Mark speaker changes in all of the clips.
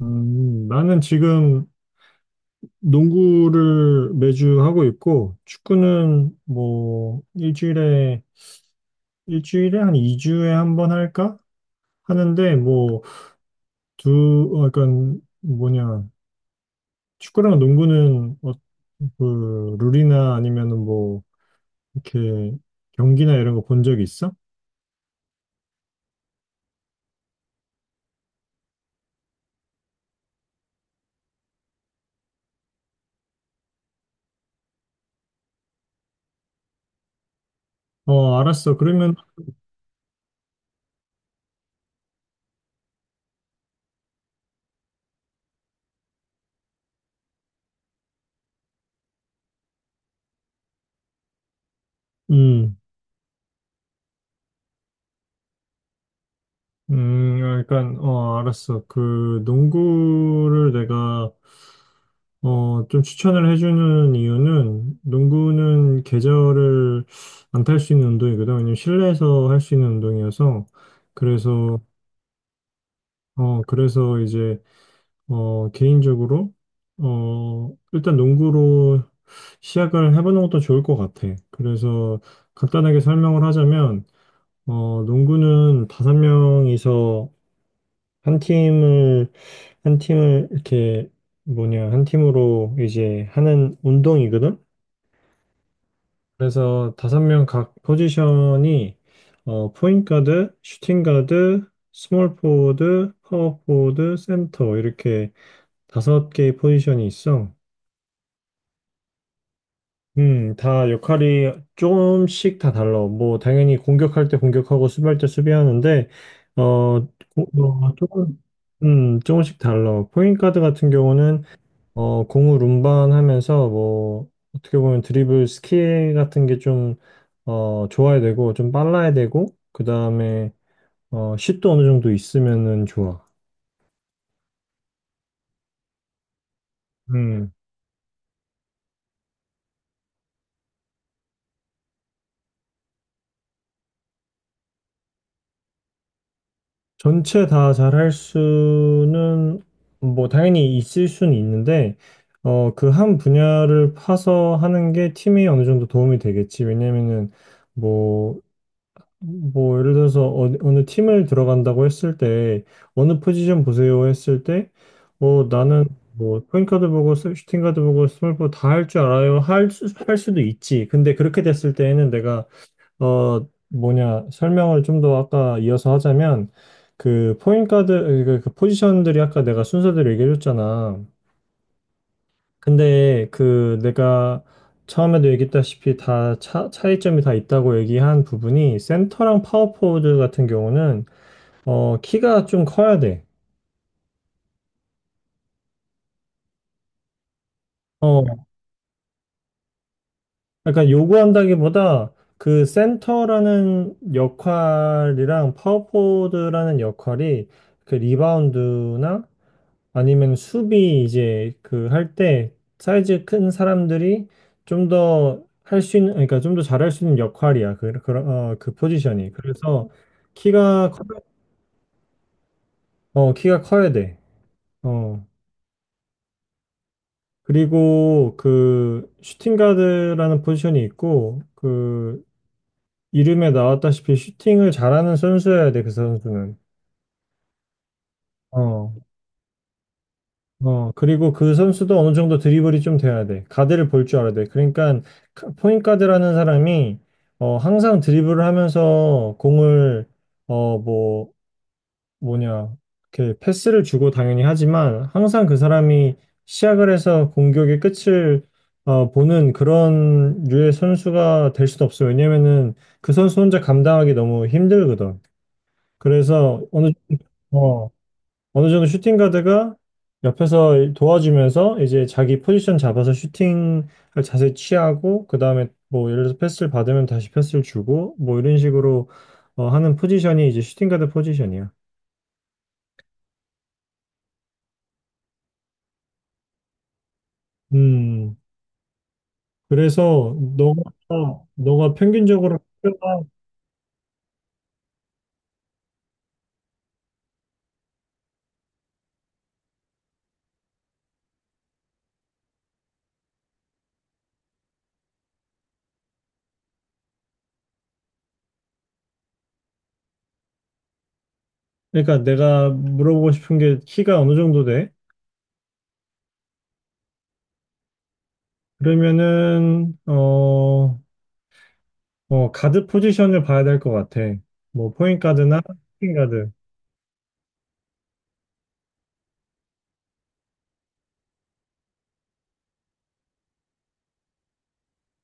Speaker 1: 나는 지금 농구를 매주 하고 있고, 축구는 뭐, 일주일에 한 2주에 한 번 할까? 하는데, 뭐, 약간, 뭐냐, 축구랑 농구는, 그, 룰이나 아니면은 뭐, 이렇게, 경기나 이런 거 본 적 있어? 어, 알았어. 그러면, 음, 약간, 알았어. 그, 농구를 내가, 좀 추천을 해주는 이유는 농구는 계절을 안 탈 수 있는 운동이거든. 왜냐면 실내에서 할 수 있는 운동이어서. 그래서, 그래서 이제, 개인적으로, 일단 농구로 시작을 해보는 것도 좋을 것 같아. 그래서 간단하게 설명을 하자면, 농구는 5명이서 한 팀을, 한 팀을 이렇게 뭐냐, 한 팀으로 이제 하는 운동이거든. 그래서 5명 각 포지션이 포인트 가드, 슈팅 가드, 스몰 포워드, 파워 포워드, 센터 이렇게 5개의 포지션이 있어. 다 역할이 조금씩 다 달라. 뭐 당연히 공격할 때 공격하고 수비할 때 수비하는데 어, 고- 어, 조금 조금씩 달라. 포인트 가드 같은 경우는 공을 운반하면서 뭐 어떻게 보면 드리블 스킬 같은 게 좀 좋아야 되고 좀 빨라야 되고 그다음에 슛도 어느 정도 있으면은 좋아. 음. 전체 다 잘할 수는 뭐 당연히 있을 수는 있는데, 그 한 분야를 파서 하는 게 팀에 어느 정도 도움이 되겠지. 왜냐면은 뭐 뭐 예를 들어서 어느 팀을 들어간다고 했을 때 어느 포지션 보세요 했을 때, 나는 뭐 포인트가드 보고 슈팅가드 보고 스몰포 다 할 줄 알아요 할 수도 있지. 근데 그렇게 됐을 때에는 내가, 뭐냐, 설명을 좀 더 아까 이어서 하자면, 그 포인트가드, 그 포지션들이 아까 내가 순서대로 얘기해 줬잖아. 근데 그 내가 처음에도 얘기했다시피 다 차이점이 다 있다고 얘기한 부분이, 센터랑 파워포워드 같은 경우는 키가 좀 커야 돼. 어 약간 요구한다기보다, 그 센터라는 역할이랑 파워포워드라는 역할이 그 리바운드나 아니면 수비 이제 그 할 때 사이즈 큰 사람들이 좀 더 할 수 있는, 그러니까 좀 더 잘할 수 있는 역할이야. 그 포지션이. 그래서 키가 커, 키가 커야 돼. 어. 그리고 그 슈팅 가드라는 포지션이 있고, 그 이름에 나왔다시피 슈팅을 잘하는 선수여야 돼. 그 선수는. 어. 그리고 그 선수도 어느 정도 드리블이 좀 돼야 돼. 가드를 볼 줄 알아야 돼. 그러니까 포인트 가드라는 사람이 항상 드리블을 하면서 공을, 뭐 뭐냐, 이렇게 패스를 주고 당연히 하지만, 항상 그 사람이 시작을 해서 공격의 끝을 보는 그런 류의 선수가 될 수도 없어. 왜냐면은 그 선수 혼자 감당하기 너무 힘들거든. 그래서 어, 어느 정도 슈팅 가드가 옆에서 도와주면서 이제 자기 포지션 잡아서 슈팅을 자세히 취하고, 그 다음에 뭐 예를 들어서 패스를 받으면 다시 패스를 주고, 뭐 이런 식으로 하는 포지션이 이제 슈팅 가드 포지션이야. 음 그래서 너가, 너가 평균적으로 키가- 그러니까 내가 물어보고 싶은 게 키가 어느 정도 돼? 그러면은 가드 포지션을 봐야 될 것 같아. 뭐 포인트 가드나 슈팅 가드.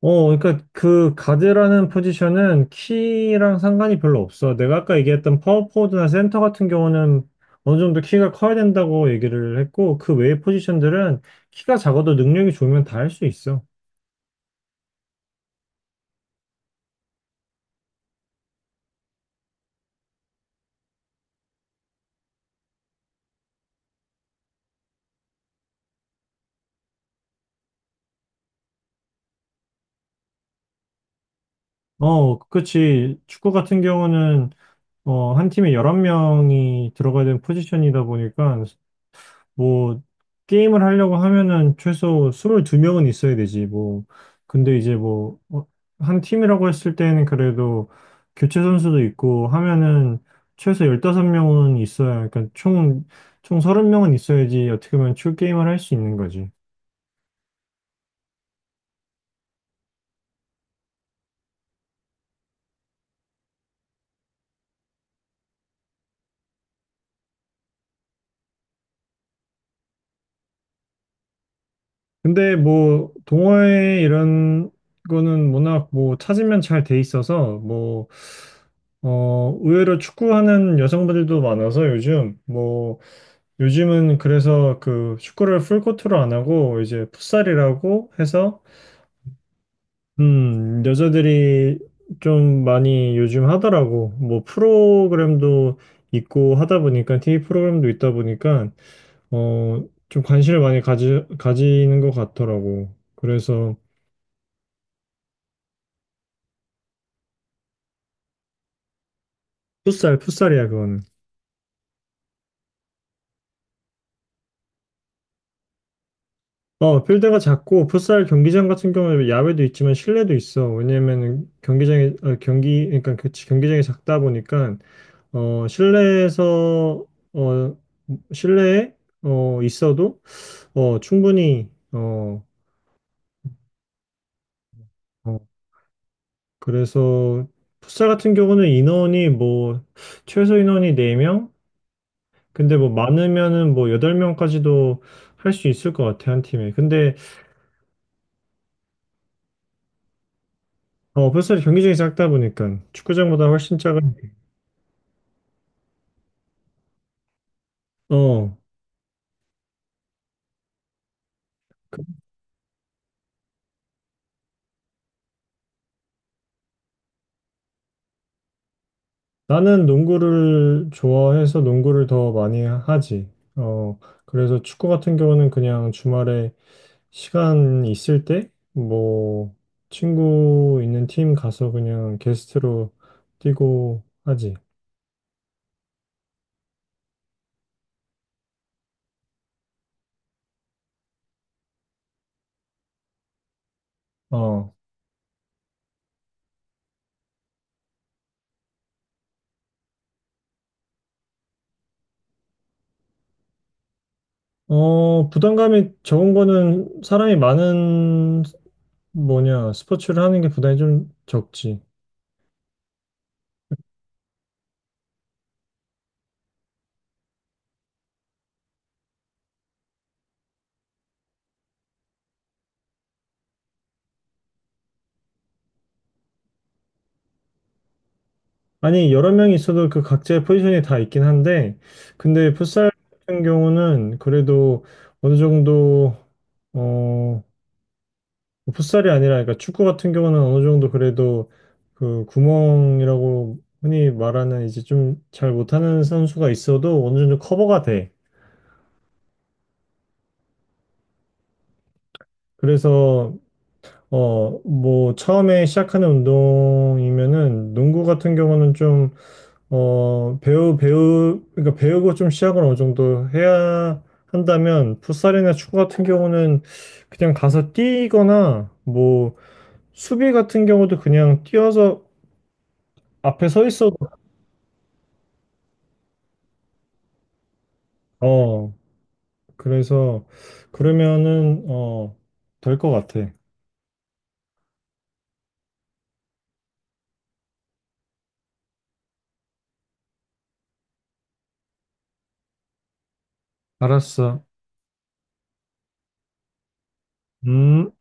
Speaker 1: 어, 그러니까 그 가드라는 포지션은 키랑 상관이 별로 없어. 내가 아까 얘기했던 파워포워드나 센터 같은 경우는 어느 정도 키가 커야 된다고 얘기를 했고, 그 외의 포지션들은 키가 작아도 능력이 좋으면 다 할 수 있어. 어, 그치. 축구 같은 경우는 한 팀에 11명이 들어가야 되는 포지션이다 보니까, 뭐 게임을 하려고 하면은 최소 22명은 있어야 되지. 뭐 근데 이제 뭐 한 팀이라고 했을 때는 그래도 교체 선수도 있고 하면은 최소 15명은 있어야, 그러니까 총총 30명은 있어야지 어떻게 보면 출 게임을 할 수 있는 거지. 근데 뭐 동호회 이런 거는 워낙 뭐 찾으면 잘 돼 있어서, 뭐 의외로 축구하는 여성분들도 많아서, 요즘 뭐 요즘은 그래서 그 축구를 풀코트로 안 하고 이제 풋살이라고 해서, 여자들이 좀 많이 요즘 하더라고. 뭐 프로그램도 있고 하다 보니까, TV 프로그램도 있다 보니까 어, 좀 관심을 많이 가지는 것 같더라고. 그래서, 풋살이야 그거는. 어, 필드가 작고 풋살 경기장 같은 경우는 야외도 있지만 실내도 있어. 왜냐면은 경기장이, 어, 경기 그러니까 그 경기장이 작다 보니까, 실내에서, 어, 실내에 있어도, 충분히. 어, 그래서 풋살 같은 경우는 인원이, 뭐, 최소 인원이 4명? 근데 뭐 많으면은 뭐 8명까지도 할 수 있을 것 같아, 한 팀에. 근데 풋살이 경기장이 작다 보니까 축구장보다 훨씬 작은. 어 나는 농구를 좋아해서 농구를 더 많이 하지. 어, 그래서 축구 같은 경우는 그냥 주말에 시간 있을 때, 뭐, 친구 있는 팀 가서 그냥 게스트로 뛰고 하지. 어, 부담감이 적은 거는 사람이 많은, 뭐냐, 스포츠를 하는 게 부담이 좀 적지. 아니, 여러 명이 있어도 그 각자의 포지션이 다 있긴 한데, 근데 풋살 같은 경우는 그래도 어느 정도, 어, 풋살이 아니라, 그러니까 축구 같은 경우는 어느 정도 그래도, 그 구멍이라고 흔히 말하는 이제 좀 잘 못하는 선수가 있어도 어느 정도 커버가 돼. 그래서, 뭐, 처음에 시작하는 운동이면은 농구 같은 경우는 좀 배우고 좀 시작을 어느 정도 해야 한다면, 풋살이나 축구 같은 경우는 그냥 가서 뛰거나, 뭐, 수비 같은 경우도 그냥 뛰어서 앞에 서 있어도, 어, 그래서, 그러면은, 될 것 같아. 알았어. 음.